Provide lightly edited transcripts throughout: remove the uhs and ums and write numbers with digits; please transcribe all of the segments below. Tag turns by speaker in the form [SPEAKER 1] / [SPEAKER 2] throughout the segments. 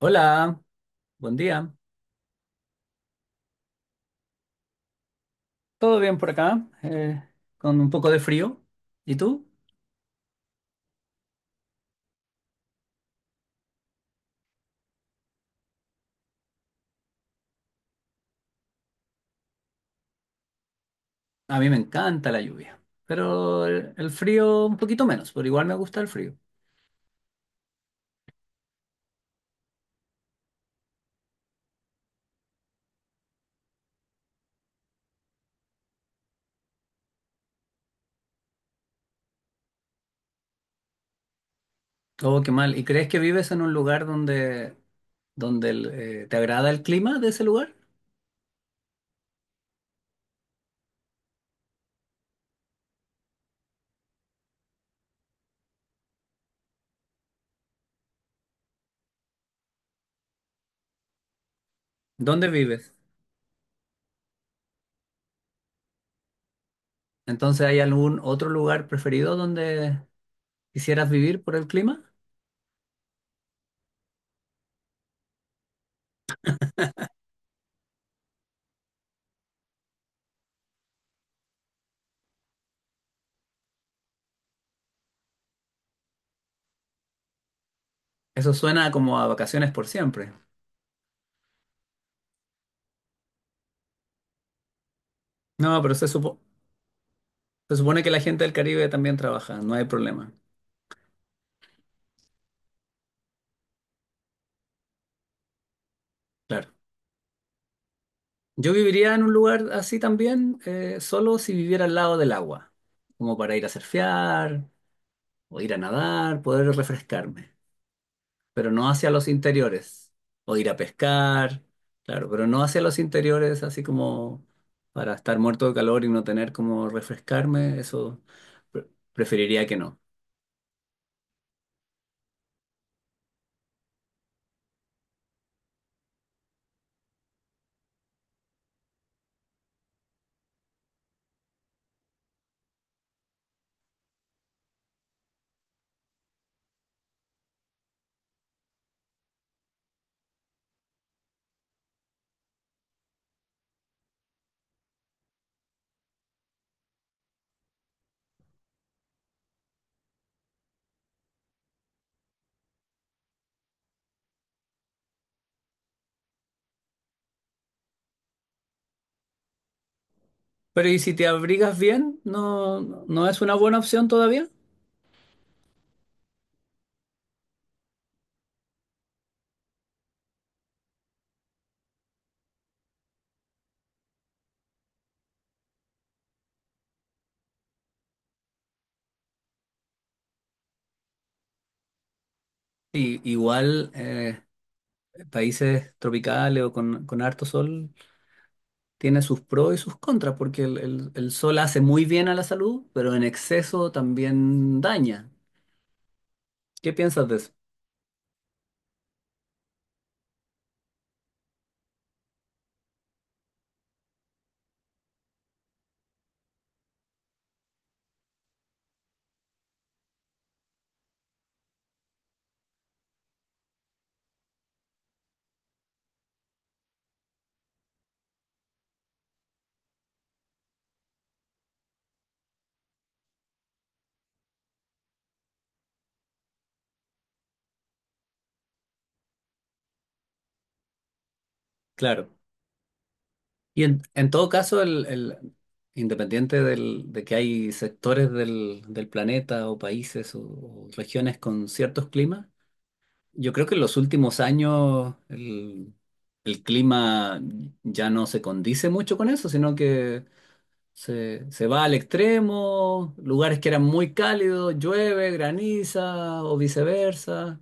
[SPEAKER 1] Hola, buen día. ¿Todo bien por acá? Con un poco de frío. ¿Y tú? A mí me encanta la lluvia, pero el frío un poquito menos, pero igual me gusta el frío. Oh, qué mal. ¿Y crees que vives en un lugar donde te agrada el clima de ese lugar? ¿Dónde vives? Entonces, ¿hay algún otro lugar preferido donde quisieras vivir por el clima? Eso suena como a vacaciones por siempre. No, pero se supone que la gente del Caribe también trabaja, no hay problema. Claro. Yo viviría en un lugar así también, solo si viviera al lado del agua, como para ir a surfear o ir a nadar, poder refrescarme, pero no hacia los interiores, o ir a pescar, claro, pero no hacia los interiores, así como para estar muerto de calor y no tener como refrescarme, pre- preferiría que no. Pero ¿y si te abrigas bien? ¿No, no es una buena opción todavía? Y, igual, países tropicales o con harto sol. Tiene sus pros y sus contras, porque el sol hace muy bien a la salud, pero en exceso también daña. ¿Qué piensas de eso? Claro. Y en todo caso, independiente de que hay sectores del, del planeta o países o regiones con ciertos climas, yo creo que en los últimos años el clima ya no se condice mucho con eso, sino que se va al extremo, lugares que eran muy cálidos, llueve, graniza o viceversa.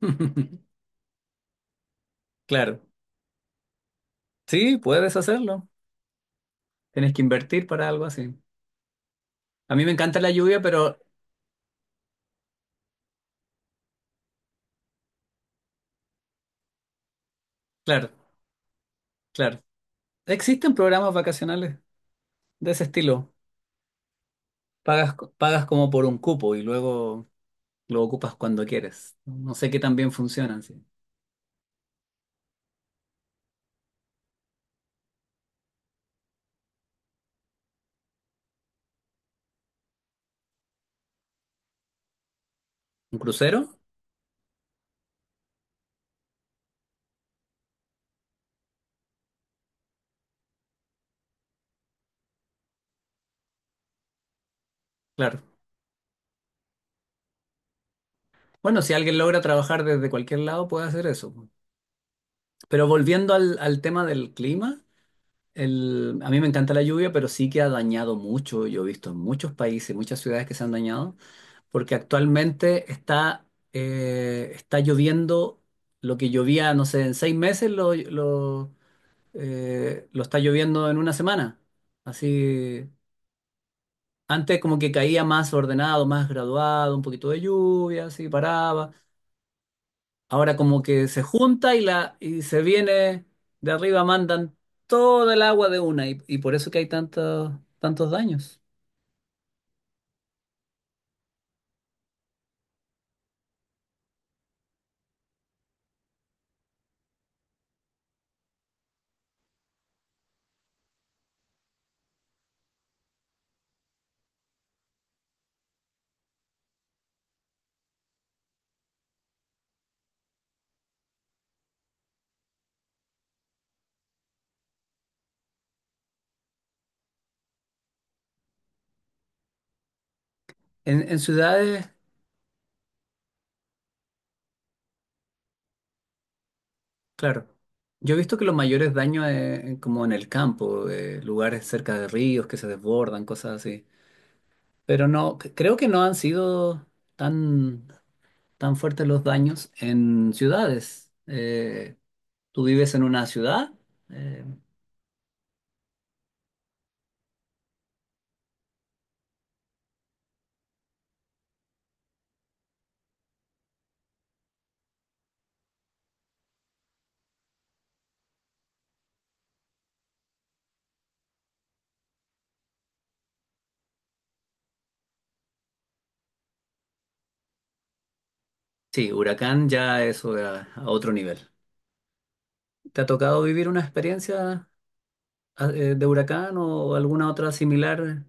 [SPEAKER 1] Claro, sí, puedes hacerlo. Tienes que invertir para algo así. A mí me encanta la lluvia, pero claro, claro. Existen programas vacacionales de ese estilo. Pagas como por un cupo y luego lo ocupas cuando quieres. No sé qué tan bien funcionan, sí. ¿Un crucero? Claro. Bueno, si alguien logra trabajar desde cualquier lado, puede hacer eso. Pero volviendo al, al tema del clima. El, a mí me encanta la lluvia, pero sí que ha dañado mucho. Yo he visto en muchos países, muchas ciudades que se han dañado, porque actualmente está, está lloviendo lo que llovía, no sé, en 6 meses lo, lo está lloviendo en una semana. Así, antes como que caía más ordenado, más graduado, un poquito de lluvia, así paraba. Ahora como que se junta y, la, y se viene de arriba, mandan toda el agua de una y por eso que hay tantos, tantos daños. En ciudades, claro, yo he visto que los mayores daños como en el campo, lugares cerca de ríos que se desbordan, cosas así. Pero no, creo que no han sido tan, tan fuertes los daños en ciudades. ¿Tú vives en una ciudad? Eh, sí, huracán ya eso a otro nivel. ¿Te ha tocado vivir una experiencia de huracán o alguna otra similar?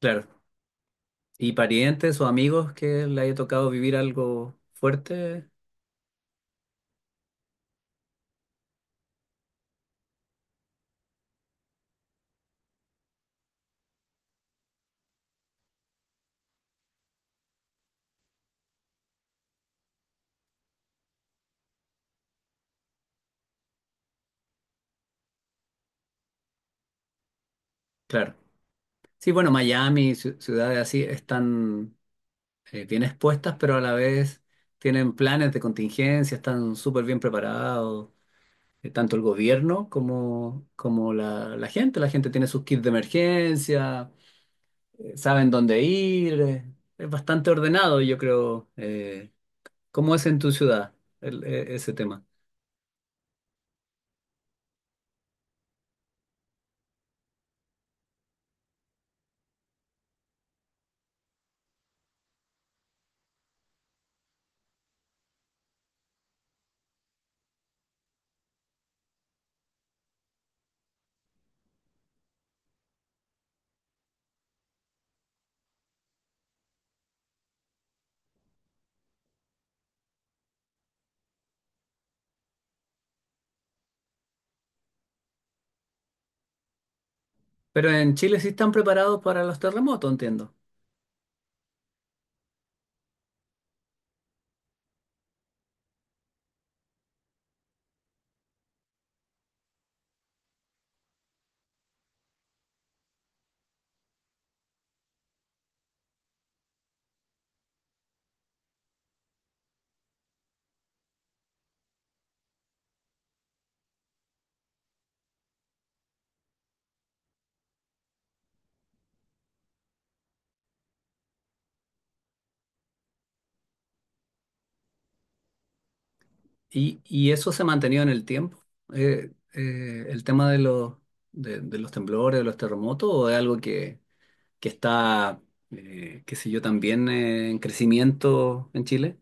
[SPEAKER 1] Claro. ¿Y parientes o amigos que le haya tocado vivir algo fuerte? Claro. Sí, bueno, Miami, ciudades así, están bien expuestas, pero a la vez tienen planes de contingencia, están súper bien preparados, tanto el gobierno como, como la gente. La gente tiene sus kits de emergencia, saben dónde ir, es bastante ordenado, yo creo. ¿Cómo es en tu ciudad ese tema? Pero en Chile sí están preparados para los terremotos, entiendo. Y eso se ha mantenido en el tiempo. El tema de los temblores, de los terremotos, o es algo que está, qué sé yo, también en crecimiento en Chile.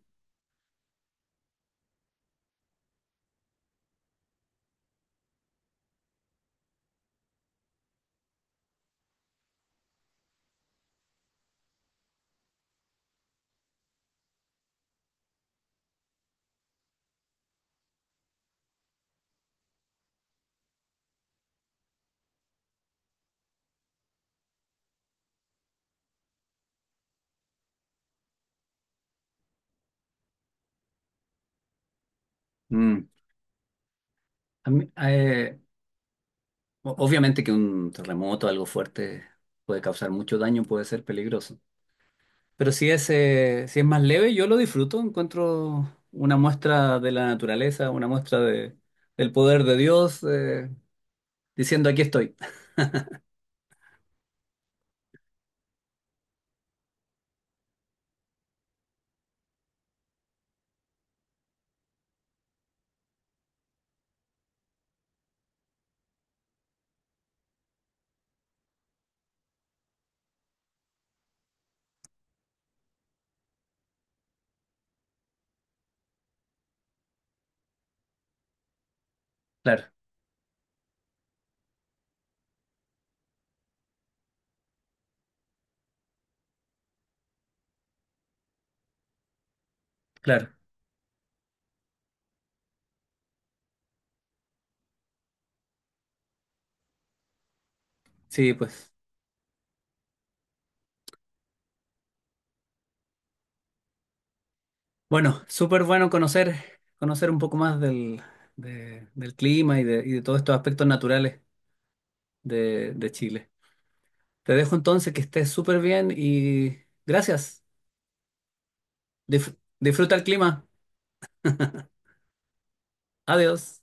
[SPEAKER 1] Mm. A mí- eh, o- obviamente que un terremoto, algo fuerte, puede causar mucho daño, puede ser peligroso. Pero si es, si es más leve, yo lo disfruto, encuentro una muestra de la naturaleza, una muestra de, del poder de Dios, diciendo aquí estoy. Claro, claro. Sí, pues. Bueno, súper bueno conocer, conocer un poco más del, del clima y de todos estos aspectos naturales de Chile. Te dejo entonces que estés súper bien y gracias. Disfruta el clima. Adiós.